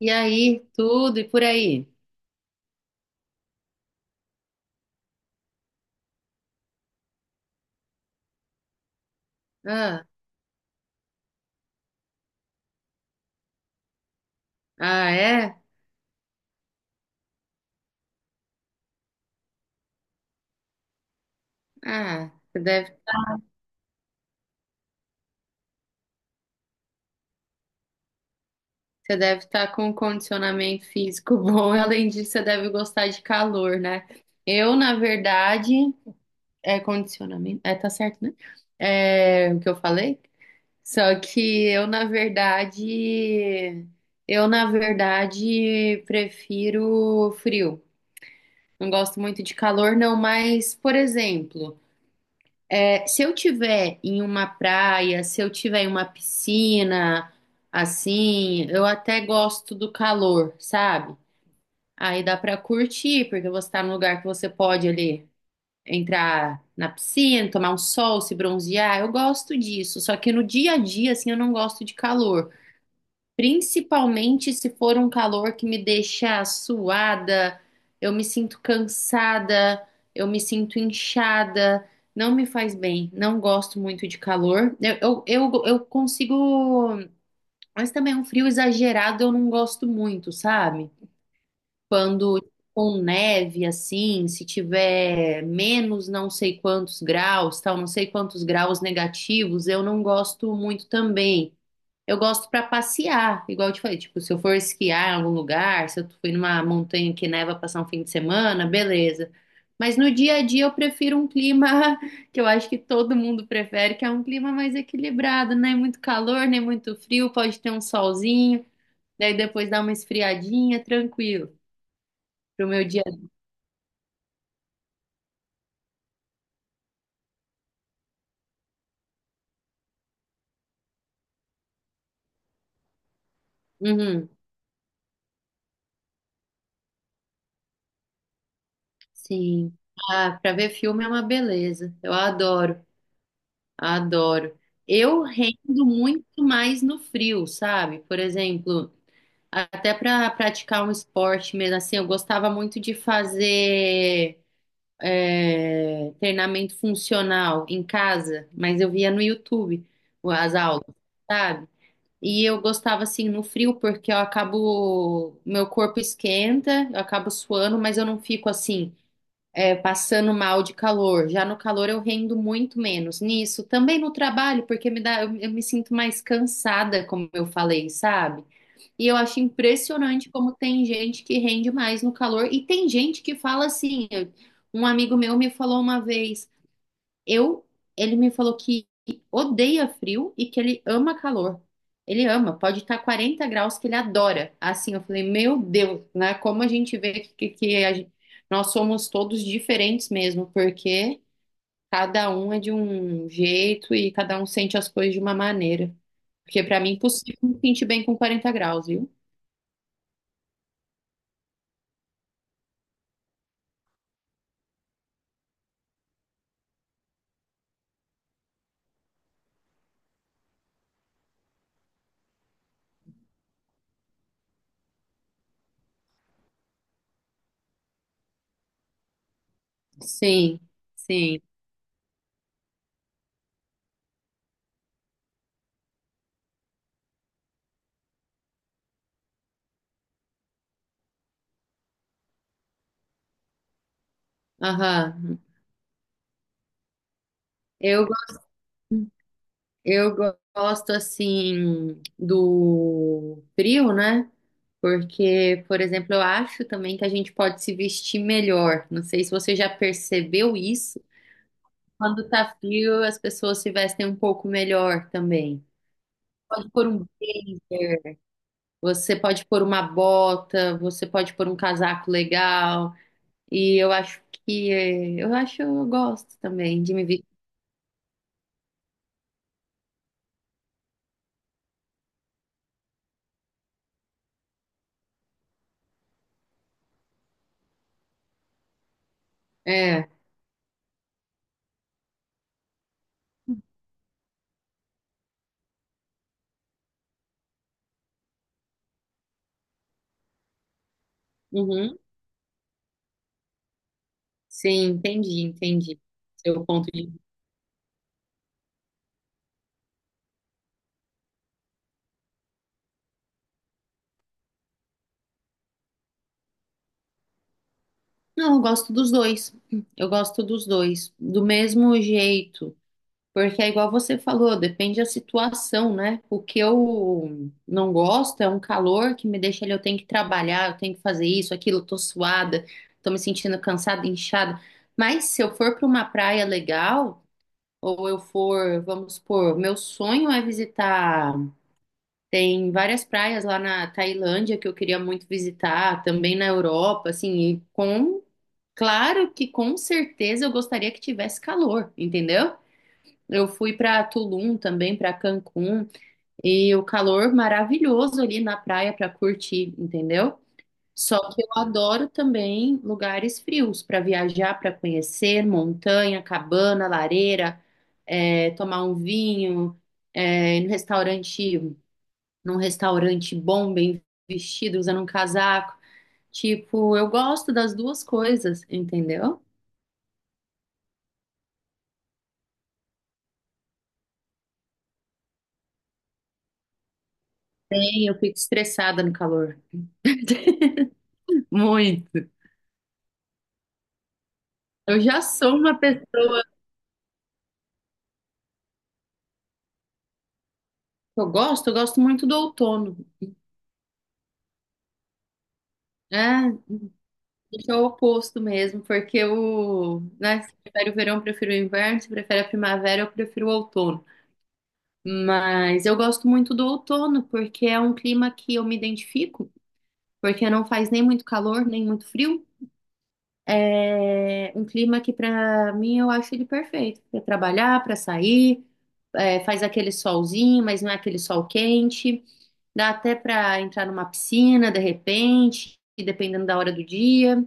E aí, tudo e por aí? Ah, ah, é? Ah, você deve, Você deve estar com um condicionamento físico bom. Além disso, você deve gostar de calor, né? Eu, na verdade, é condicionamento. É, tá certo, né? É o que eu falei? Só que eu, na verdade, prefiro frio. Não gosto muito de calor, não, mas, por exemplo. Se eu tiver em uma praia, se eu tiver em uma piscina, assim, eu até gosto do calor, sabe? Aí dá pra curtir, porque você tá num lugar que você pode ali entrar na piscina, tomar um sol, se bronzear. Eu gosto disso, só que no dia a dia, assim, eu não gosto de calor. Principalmente se for um calor que me deixa suada, eu me sinto cansada, eu me sinto inchada, não me faz bem, não gosto muito de calor. Eu consigo, mas também é um frio exagerado eu não gosto muito, sabe? Quando com neve assim, se tiver menos não sei quantos graus, tal, não sei quantos graus negativos, eu não gosto muito também. Eu gosto pra passear, igual eu te falei, tipo, se eu for esquiar em algum lugar, se eu fui numa montanha que neva passar um fim de semana, beleza. Mas no dia a dia eu prefiro um clima que eu acho que todo mundo prefere, que é um clima mais equilibrado, nem muito calor, nem muito frio, pode ter um solzinho, daí depois dá uma esfriadinha, tranquilo. Pro meu dia. Uhum, sim. Ah, pra ver filme é uma beleza. Eu adoro. Adoro. Eu rendo muito mais no frio, sabe? Por exemplo, até para praticar um esporte mesmo assim, eu gostava muito de fazer treinamento funcional em casa, mas eu via no YouTube as aulas, sabe? E eu gostava assim no frio porque eu acabo, meu corpo esquenta, eu acabo suando, mas eu não fico assim passando mal de calor. Já no calor eu rendo muito menos nisso. Também no trabalho, porque me dá, eu me sinto mais cansada, como eu falei, sabe? E eu acho impressionante como tem gente que rende mais no calor e tem gente que fala assim. Um amigo meu me falou uma vez. Eu, ele me falou que odeia frio e que ele ama calor. Ele ama, pode estar 40 graus que ele adora. Assim, eu falei, meu Deus, né? Como a gente vê que- a gen- nós somos todos diferentes mesmo, porque cada um é de um jeito e cada um sente as coisas de uma maneira. Porque para mim é impossível me sentir bem com 40 graus, viu? Sim, sim. Aham. Eu eu gosto assim do frio, né? Porque, por exemplo, eu acho também que a gente pode se vestir melhor. Não sei se você já percebeu isso. Quando tá frio, as pessoas se vestem um pouco melhor também. Pode pôr um blazer, você pode pôr uma bota, você pode pôr um casaco legal. E eu acho que eu gosto também de me vestir. É, uhum. Sim, entendi, entendi. Seu ponto de. Não, eu gosto dos dois. Eu gosto dos dois. Do mesmo jeito. Porque é igual você falou, depende da situação, né? O que eu não gosto é um calor que me deixa ali, eu tenho que trabalhar, eu tenho que fazer isso, aquilo, eu tô suada, tô me sentindo cansada, inchada. Mas se eu for para uma praia legal, ou eu for, vamos supor, meu sonho é visitar, tem várias praias lá na Tailândia que eu queria muito visitar, também na Europa, assim, claro que com certeza eu gostaria que tivesse calor, entendeu? Eu fui para Tulum também, para Cancún, e o calor maravilhoso ali na praia para curtir, entendeu? Só que eu adoro também lugares frios para viajar, para conhecer montanha, cabana, lareira, tomar um vinho, ir no restaurante, num restaurante bom, bem vestido, usando um casaco. Tipo, eu gosto das duas coisas, entendeu? Bem, eu fico estressada no calor. Muito. Eu já sou uma pessoa eu gosto muito do outono. É, isso é o oposto mesmo, porque o, né, se prefere o verão, eu prefiro o inverno, se prefere a primavera, eu prefiro o outono. Mas eu gosto muito do outono, porque é um clima que eu me identifico, porque não faz nem muito calor, nem muito frio. É um clima que para mim eu acho ele perfeito para trabalhar, para sair, faz aquele solzinho, mas não é aquele sol quente. Dá até para entrar numa piscina de repente, dependendo da hora do dia.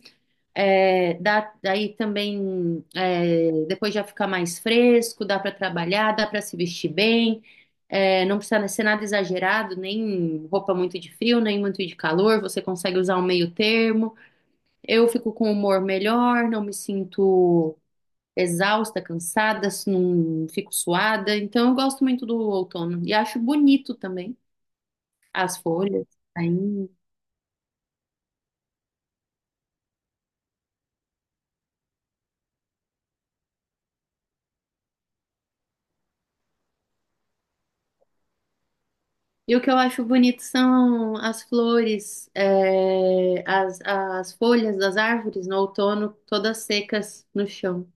Daí também depois já fica mais fresco, dá para trabalhar, dá para se vestir bem. É, não precisa ser nada exagerado, nem roupa muito de frio, nem muito de calor. Você consegue usar um meio termo. Eu fico com humor melhor, não me sinto exausta, cansada, não fico suada. Então eu gosto muito do outono e acho bonito também as folhas. Aí E o que eu acho bonito são as flores, é, as folhas das árvores no outono, todas secas no chão.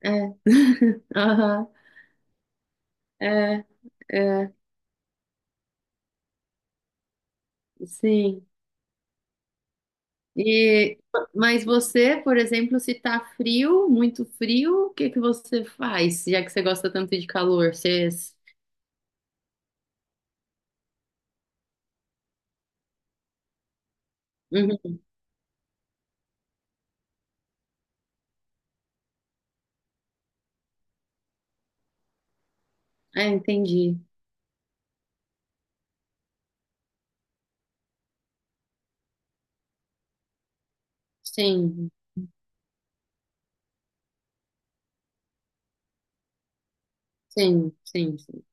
É, aham, é, é, sim. E, mas você, por exemplo, se tá frio, muito frio, o que que você faz, já que você gosta tanto de calor? Você... Uhum, é, entendi. Sim, sim, sim, sim.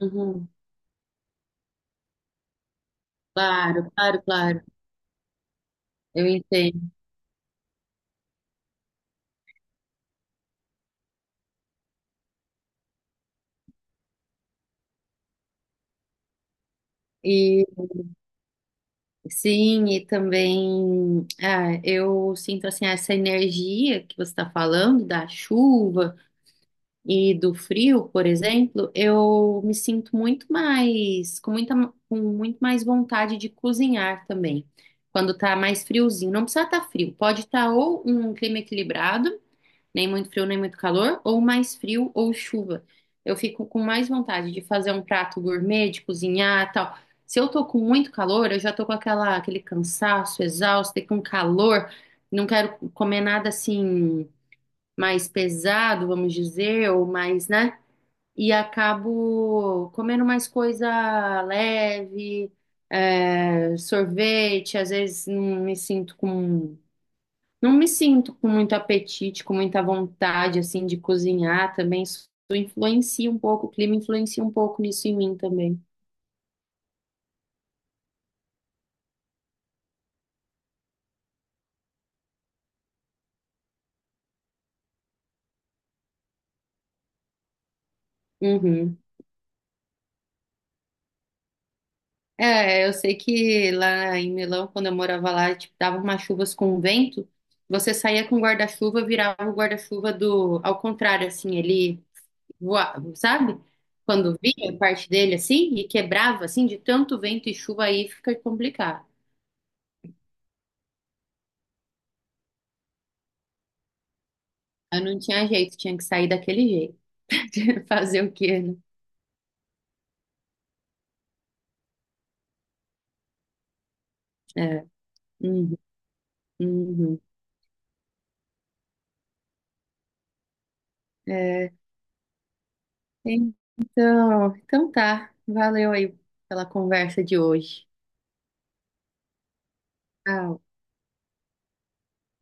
Uhum, claro, claro, claro. Eu entendo. e Sim, e também ah, eu sinto assim essa energia que você está falando da chuva e do frio, por exemplo, eu me sinto muito mais com muito mais vontade de cozinhar também. Quando tá mais friozinho, não precisa estar frio, pode estar ou um clima equilibrado nem muito frio, nem muito calor, ou mais frio ou chuva. Eu fico com mais vontade de fazer um prato gourmet, de cozinhar, tal. Se eu tô com muito calor, eu já tô com aquela, aquele cansaço, exausto, e com calor, não quero comer nada assim mais pesado, vamos dizer, ou mais, né? E acabo comendo mais coisa leve, é, sorvete, às vezes não me sinto com muito apetite, com muita vontade, assim, de cozinhar também. Isso influencia um pouco, o clima influencia um pouco nisso em mim também. Uhum. É, eu sei que lá em Milão, quando eu morava lá, tipo, dava umas chuvas com vento, você saía com o guarda-chuva, virava o guarda-chuva do, ao contrário, assim, ele voava, sabe? Quando vinha parte dele, assim, e quebrava, assim, de tanto vento e chuva aí, fica complicado. Eu não tinha jeito, tinha que sair daquele jeito. Fazer o quê, né? É. Uhum, uhum. É, então, então tá. Valeu aí pela conversa de hoje. Tchau.